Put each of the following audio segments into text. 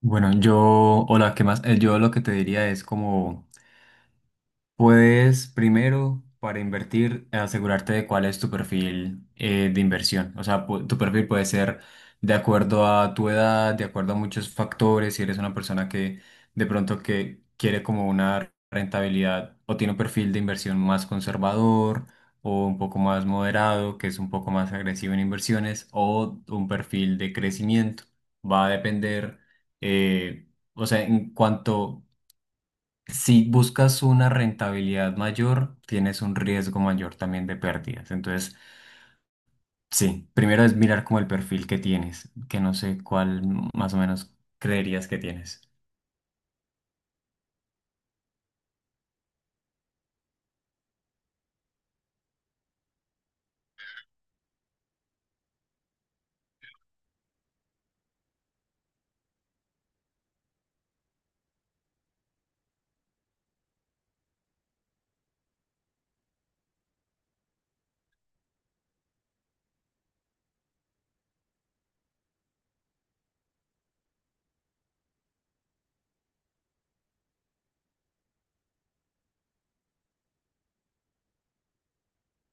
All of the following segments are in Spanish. Bueno, hola, ¿qué más? Yo lo que te diría es como, puedes primero, para invertir, asegurarte de cuál es tu perfil de inversión. O sea, tu perfil puede ser de acuerdo a tu edad, de acuerdo a muchos factores. Si eres una persona que de pronto que quiere como una rentabilidad o tiene un perfil de inversión más conservador o un poco más moderado, que es un poco más agresivo en inversiones, o un perfil de crecimiento. Va a depender, eh, o sea, en cuanto si buscas una rentabilidad mayor, tienes un riesgo mayor también de pérdidas. Entonces, sí, primero es mirar como el perfil que tienes, que no sé cuál más o menos creerías que tienes.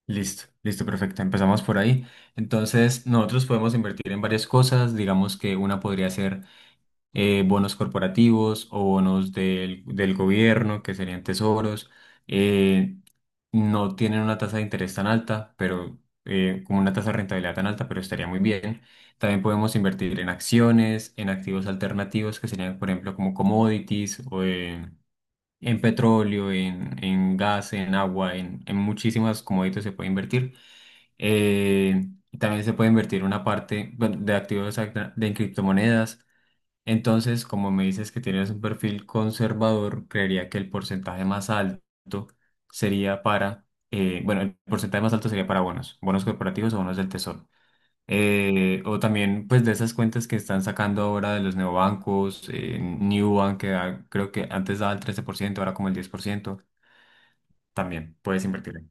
Listo, listo, perfecto. Empezamos por ahí. Entonces, nosotros podemos invertir en varias cosas. Digamos que una podría ser bonos corporativos o bonos del gobierno, que serían tesoros. eh, no tienen una tasa de interés tan alta, pero como una tasa de rentabilidad tan alta, pero estaría muy bien. También podemos invertir en acciones, en activos alternativos, que serían, por ejemplo, como commodities o en petróleo, en gas, en agua, en muchísimas commodities se puede invertir. Eh, También se puede invertir una parte bueno, de activos de criptomonedas entonces, como me dices que tienes un perfil conservador, creería que el porcentaje más alto sería para, bueno, el porcentaje más alto sería para bonos, bonos corporativos o bonos del tesoro. O también, pues, de esas cuentas que están sacando ahora de los neobancos, Nubank, que creo que antes daba el 13% ahora como el 10%, también puedes invertir.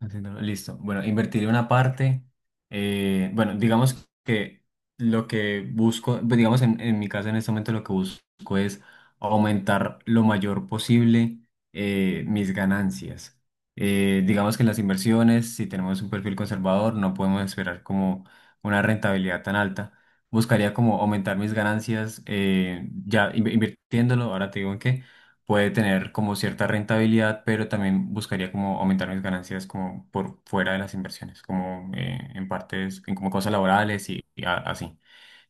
Haciéndolo, listo. Bueno, invertiré una parte. Bueno, digamos que lo que busco, pues, digamos en mi caso en este momento lo que busco es aumentar lo mayor posible mis ganancias. Digamos que en las inversiones, si tenemos un perfil conservador, no podemos esperar como una rentabilidad tan alta. Buscaría como aumentar mis ganancias ya invirtiéndolo, ahora te digo en qué puede tener como cierta rentabilidad, pero también buscaría como aumentar mis ganancias como por fuera de las inversiones, como en partes, en como cosas laborales y así.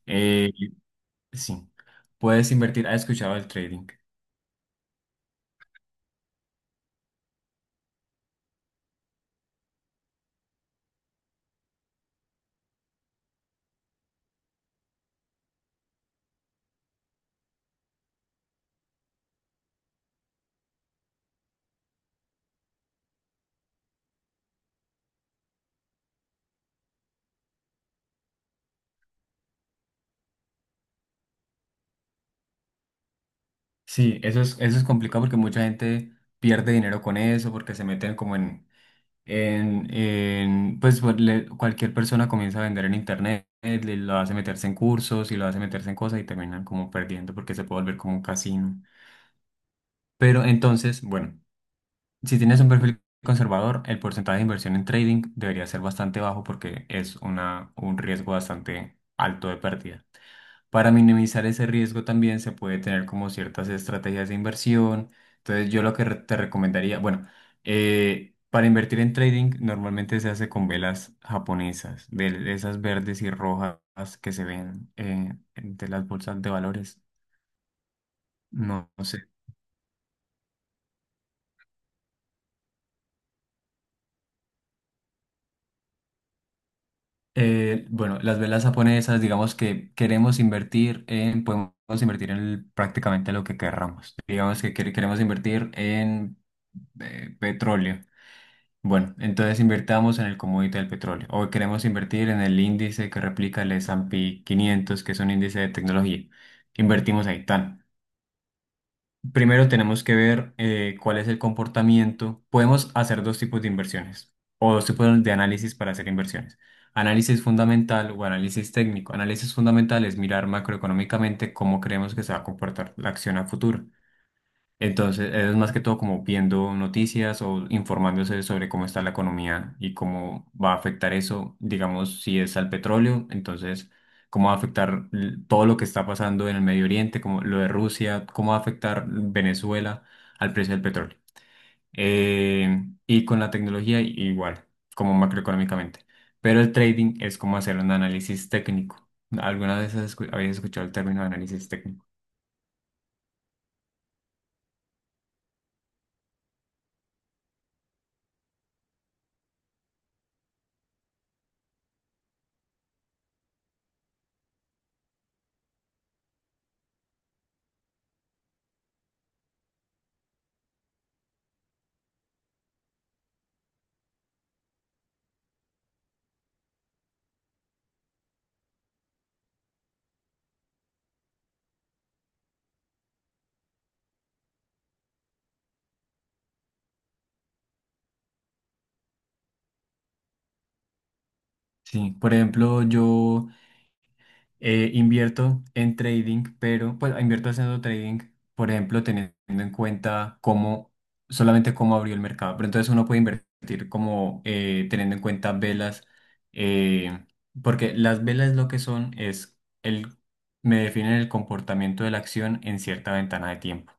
Eh, sí, puedes invertir, ¿has escuchado el trading? Sí, eso es complicado porque mucha gente pierde dinero con eso, porque se meten como en pues, cualquier persona comienza a vender en internet, lo hace meterse en cursos y lo hace meterse en cosas y terminan como perdiendo porque se puede volver como un casino. Pero entonces, bueno. Si tienes un perfil conservador, el porcentaje de inversión en trading debería ser bastante bajo porque es un riesgo bastante alto de pérdida. Para minimizar ese riesgo también se puede tener como ciertas estrategias de inversión. Entonces yo lo que te recomendaría, bueno, para invertir en trading normalmente se hace con velas japonesas, de esas verdes y rojas que se ven de las bolsas de valores. No, sé. Bueno, las velas japonesas, digamos que queremos invertir en, podemos invertir en prácticamente lo que querramos. Digamos que queremos invertir en petróleo. Bueno, entonces invertamos en el commodity del petróleo. O queremos invertir en el índice que replica el S&P 500, que es un índice de tecnología. Invertimos ahí, tan. Primero tenemos que ver cuál es el comportamiento. Podemos hacer dos tipos de inversiones o dos tipos de análisis para hacer inversiones. Análisis fundamental o análisis técnico. Análisis fundamental es mirar macroeconómicamente cómo creemos que se va a comportar la acción a futuro. Entonces, es más que todo como viendo noticias o informándose sobre cómo está la economía y cómo va a afectar eso, digamos, si es al petróleo, entonces, cómo va a afectar todo lo que está pasando en el Medio Oriente, como lo de Rusia, cómo va a afectar Venezuela al precio del petróleo. Y con la tecnología igual, como macroeconómicamente. Pero el trading es como hacer un análisis técnico. ¿Alguna vez habéis escuchado el término de análisis técnico? Sí, por ejemplo, invierto en trading, pero pues invierto haciendo trading, por ejemplo, teniendo en cuenta solamente cómo abrió el mercado. Pero entonces uno puede invertir como teniendo en cuenta velas, eh, porque las velas lo que son me definen el comportamiento de la acción en cierta ventana de tiempo.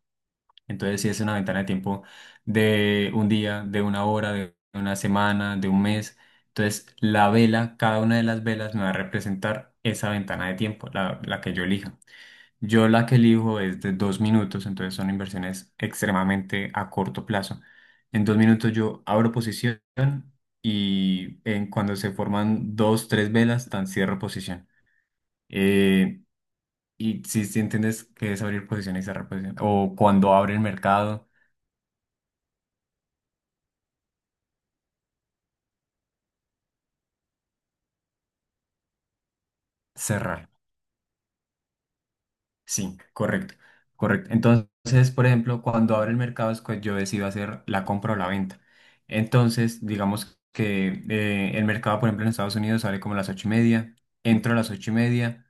Entonces sí es una ventana de tiempo de un día, de una hora, de una semana, de un mes. Entonces la vela, cada una de las velas me va a representar esa ventana de tiempo, la que yo elija. Yo la que elijo es de 2 minutos, entonces son inversiones extremadamente a corto plazo. En 2 minutos yo abro posición y en cuando se forman dos, tres velas, tan cierro posición. Eh, y si entiendes que es abrir posición y cerrar posición, o cuando abre el mercado. Cerrar. Sí, correcto, correcto. Entonces, por ejemplo, cuando abre el mercado es cuando yo decido hacer la compra o la venta. Entonces, digamos que el mercado, por ejemplo, en Estados Unidos sale como a las 8:30, entro a las 8:30,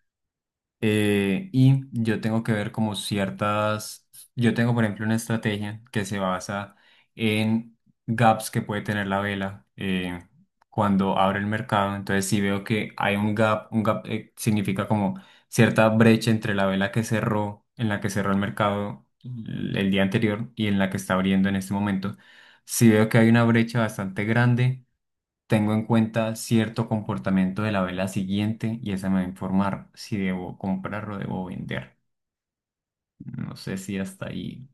y yo tengo que ver yo tengo por ejemplo una estrategia que se basa en gaps que puede tener la vela cuando abre el mercado. Entonces si veo que hay un gap, significa como cierta brecha entre la vela que cerró, en la que cerró el mercado el día anterior y en la que está abriendo en este momento. Si veo que hay una brecha bastante grande tengo en cuenta cierto comportamiento de la vela siguiente y esa me va a informar si debo comprar o debo vender. No sé si hasta ahí.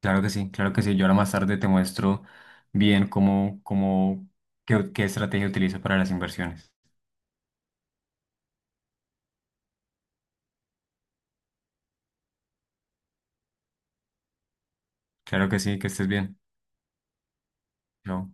Claro que sí, claro que sí. Yo ahora más tarde te muestro bien qué estrategia utilizo para las inversiones. Claro que sí, que estés bien. Chao.